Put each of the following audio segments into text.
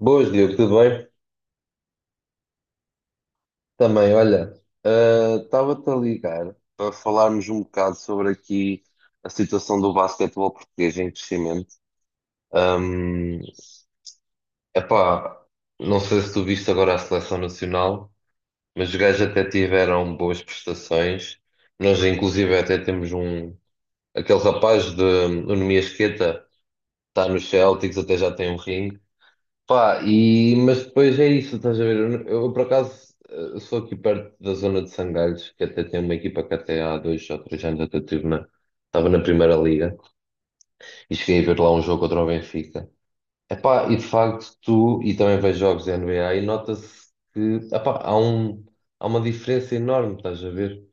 Boas, Diogo, tudo bem? Também, olha, estava-te a ligar para falarmos um bocado sobre aqui a situação do basquetebol português em crescimento. Ahm, Epá, não sei se tu viste agora a seleção nacional, mas os gajos até tiveram boas prestações. Nós, inclusive, até temos um, aquele rapaz, de, o Numi Esqueta, está nos Celtics, até já tem um ring. Pá, e, mas depois é isso, estás a ver? Eu, por acaso sou aqui perto da zona de Sangalhos, que até tem uma equipa que até há dois ou três anos até tive na, estava na Primeira Liga e cheguei a ver lá um jogo contra o Benfica. Epá, e de facto tu, e também vejo jogos da NBA e nota-se que epá, há uma diferença enorme, estás a ver?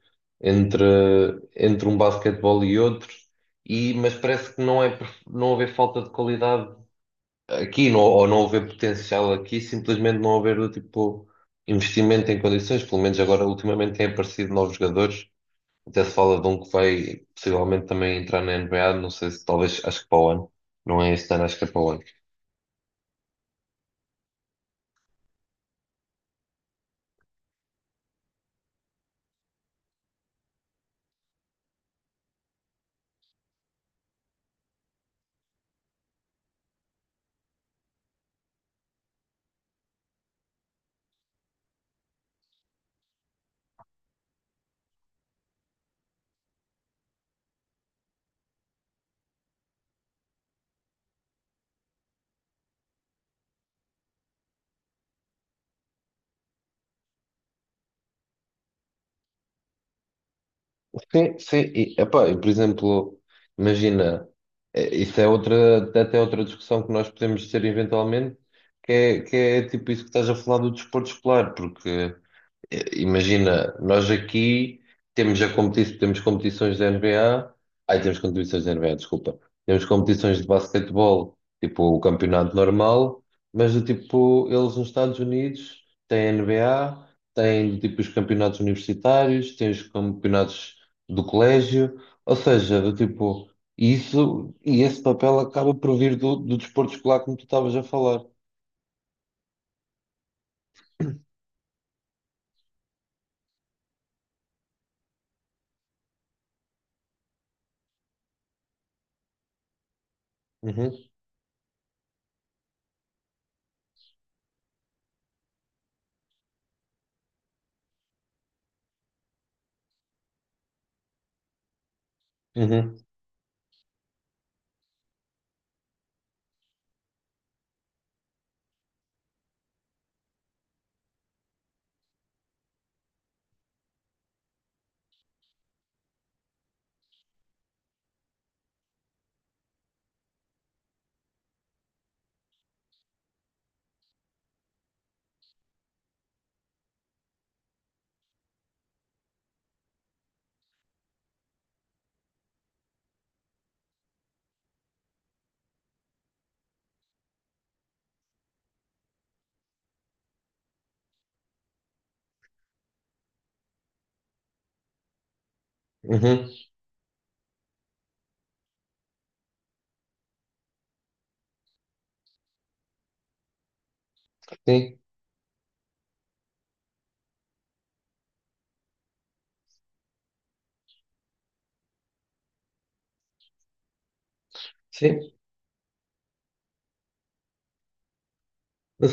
Entre, entre um basquetebol e outro, e, mas parece que não é por não haver falta de qualidade aqui, não, ou não haver potencial aqui, simplesmente não haver do tipo investimento em condições. Pelo menos agora ultimamente têm aparecido novos jogadores, até se fala de um que vai possivelmente também entrar na NBA, não sei, se talvez, acho que para o ano, não é este ano, acho que é para o ano. Sim, sim, e, epá, e por exemplo, imagina, isso é outra, até outra discussão que nós podemos ter eventualmente, que é tipo isso que estás a falar do desporto escolar. Porque imagina, nós aqui temos, já competi temos competições da NBA, ai, temos competições da NBA, desculpa, temos competições de basquetebol, tipo o campeonato normal, mas do tipo, eles nos Estados Unidos têm N B a NBA, têm tipo os campeonatos universitários, têm os campeonatos do colégio, ou seja, do tipo, isso e esse papel acaba por vir do, do desporto escolar, como tu estavas a falar. Uhum, uhum, uhum, sim, sim.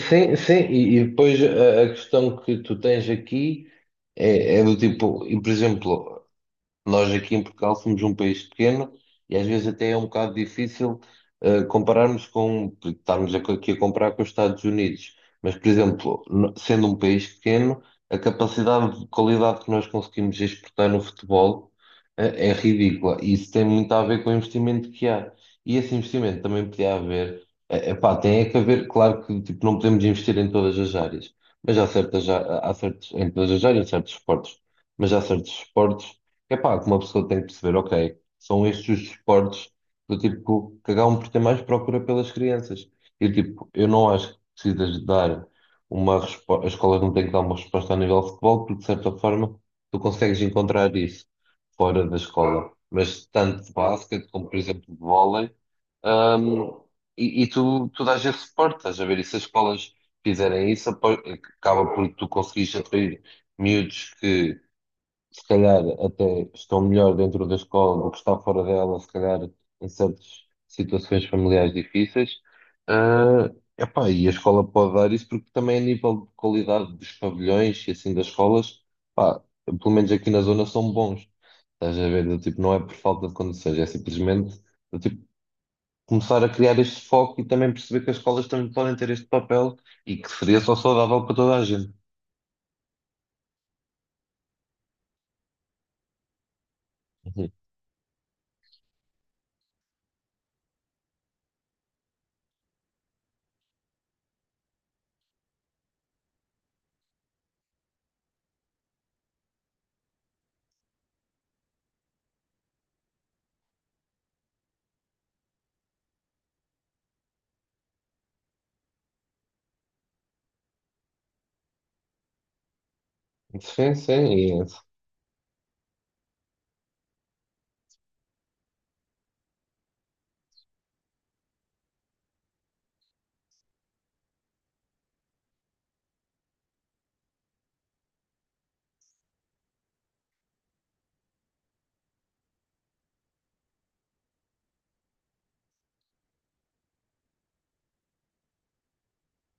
Sim, sim, e depois a questão que tu tens aqui é do tipo, e por exemplo, nós aqui em Portugal somos um país pequeno e às vezes até é um bocado difícil compararmos, com, estarmos aqui a comparar com os Estados Unidos. Mas, por exemplo, no- sendo um país pequeno, a capacidade de qualidade que nós conseguimos exportar no futebol é ridícula. E isso tem muito a ver com o investimento que há. E esse investimento também podia haver, epá, tem é que haver. Claro que tipo, não podemos investir em todas as áreas, mas há certas, em todas as áreas, em certos esportes, mas há certos esportes, é pá, que uma pessoa tem que perceber, ok, são estes os esportes do tipo que acabam por ter mais procura pelas crianças. E tipo, eu não acho que precisas de dar uma resposta, a escola não tem que dar uma resposta a nível de futebol, porque de certa forma tu consegues encontrar isso fora da escola. Mas tanto de basquete como, por exemplo, de vôlei, hum, e tu dás esse suporte, estás a ver? E se as escolas fizerem isso, acaba por tu conseguires atrair miúdos que se calhar até estão melhor dentro da escola do que estão fora dela, se calhar em certas situações familiares difíceis. Ah, epá, e a escola pode dar isso porque também a nível de qualidade dos pavilhões e assim das escolas, pá, pelo menos aqui na zona são bons. Estás a ver? Do tipo, não é por falta de condições, é simplesmente do tipo começar a criar este foco e também perceber que as escolas também podem ter este papel e que seria só saudável para toda a gente. Uhum. Sim, sim,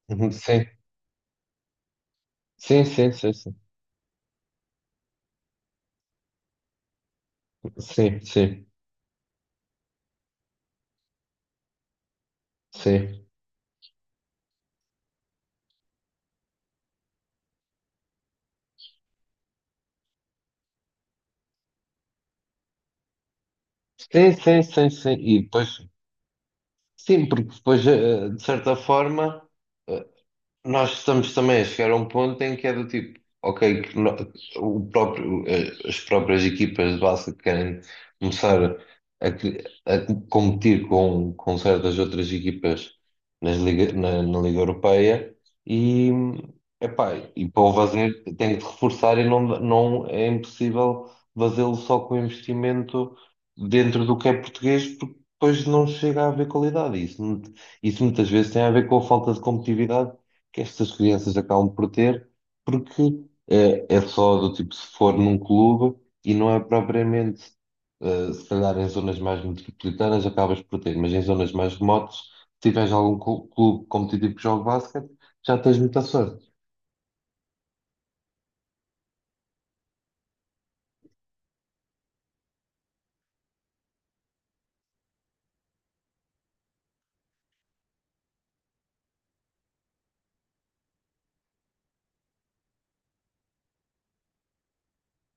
sim, sim, sim, sim, sim. Sim, sim, sim. Sim, sim, sim, sim. E depois, sim, porque depois, de certa forma eh, nós estamos também a chegar a um ponto em que é do tipo, ok, que no- o próprio, as próprias equipas de base que querem começar a competir com certas outras equipas na Liga Europeia, e, epá, e para o fazer tem que reforçar e não, não é impossível fazê-lo só com investimento dentro do que é português, porque depois não chega a haver qualidade. Isso muitas vezes tem a ver com a falta de competitividade que estas crianças acabam por ter, porque é, só do tipo se for num clube, e não é propriamente, se calhar em zonas mais metropolitanas acabas por ter, mas em zonas mais remotas, se tiveres algum clube competitivo que jogue basquete, já tens muita sorte.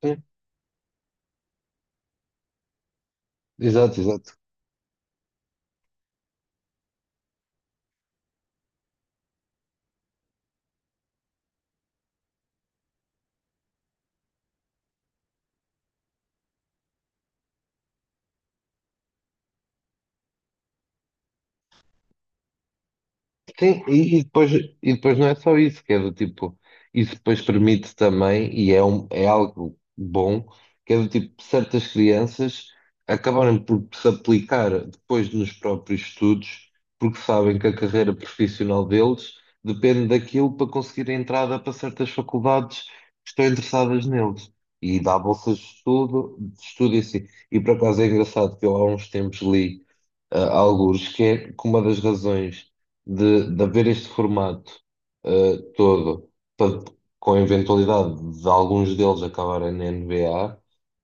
Sim, exato, exato. Sim, e depois não é só isso, que é do tipo, isso depois permite também, é algo bom, que é do tipo, certas crianças acabarem por se aplicar depois nos próprios estudos, porque sabem que a carreira profissional deles depende daquilo para conseguir a entrada para certas faculdades que estão interessadas neles. E dá bolsas de estudo e assim. E por acaso é engraçado que eu há uns tempos li, ah, alguns, que é que uma das razões de haver este formato, todo, para- com a eventualidade de alguns deles acabarem na NBA,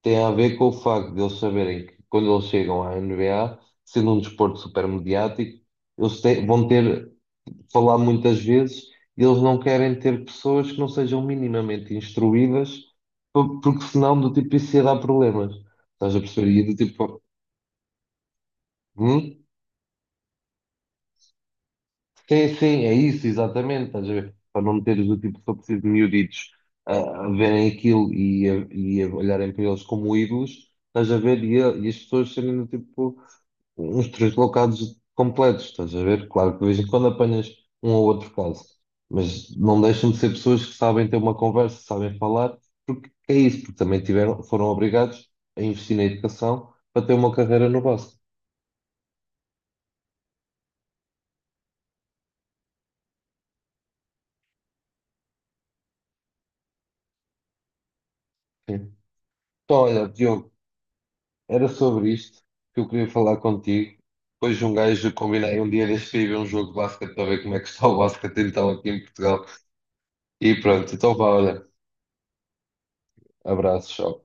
tem a ver com o facto de eles saberem que quando eles chegam à NBA, sendo um desporto super mediático, vão ter, falar muitas vezes, e eles não querem ter pessoas que não sejam minimamente instruídas, porque senão do tipo isso ia dar problemas. Estás a perceber? E do tipo, hum? Sim, sim, é isso, exatamente. Estás a ver? Para não meteres do tipo, só preciso de miúditos a verem aquilo e a olharem para eles como ídolos, estás a ver? E as pessoas serem do tipo uns translocados completos, estás a ver? Claro que de vez em quando apanhas um ou outro caso, mas não deixam de ser pessoas que sabem ter uma conversa, sabem falar, porque é isso, porque também tiveram, foram obrigados a investir na educação para ter uma carreira no básico. Sim. Então, olha, Diogo, era sobre isto que eu queria falar contigo. Depois de um gajo combinei um dia deste para ir ver um jogo de basquete, para ver como é que está o basquete então aqui em Portugal. E pronto, então vá, olha, abraços, tchau.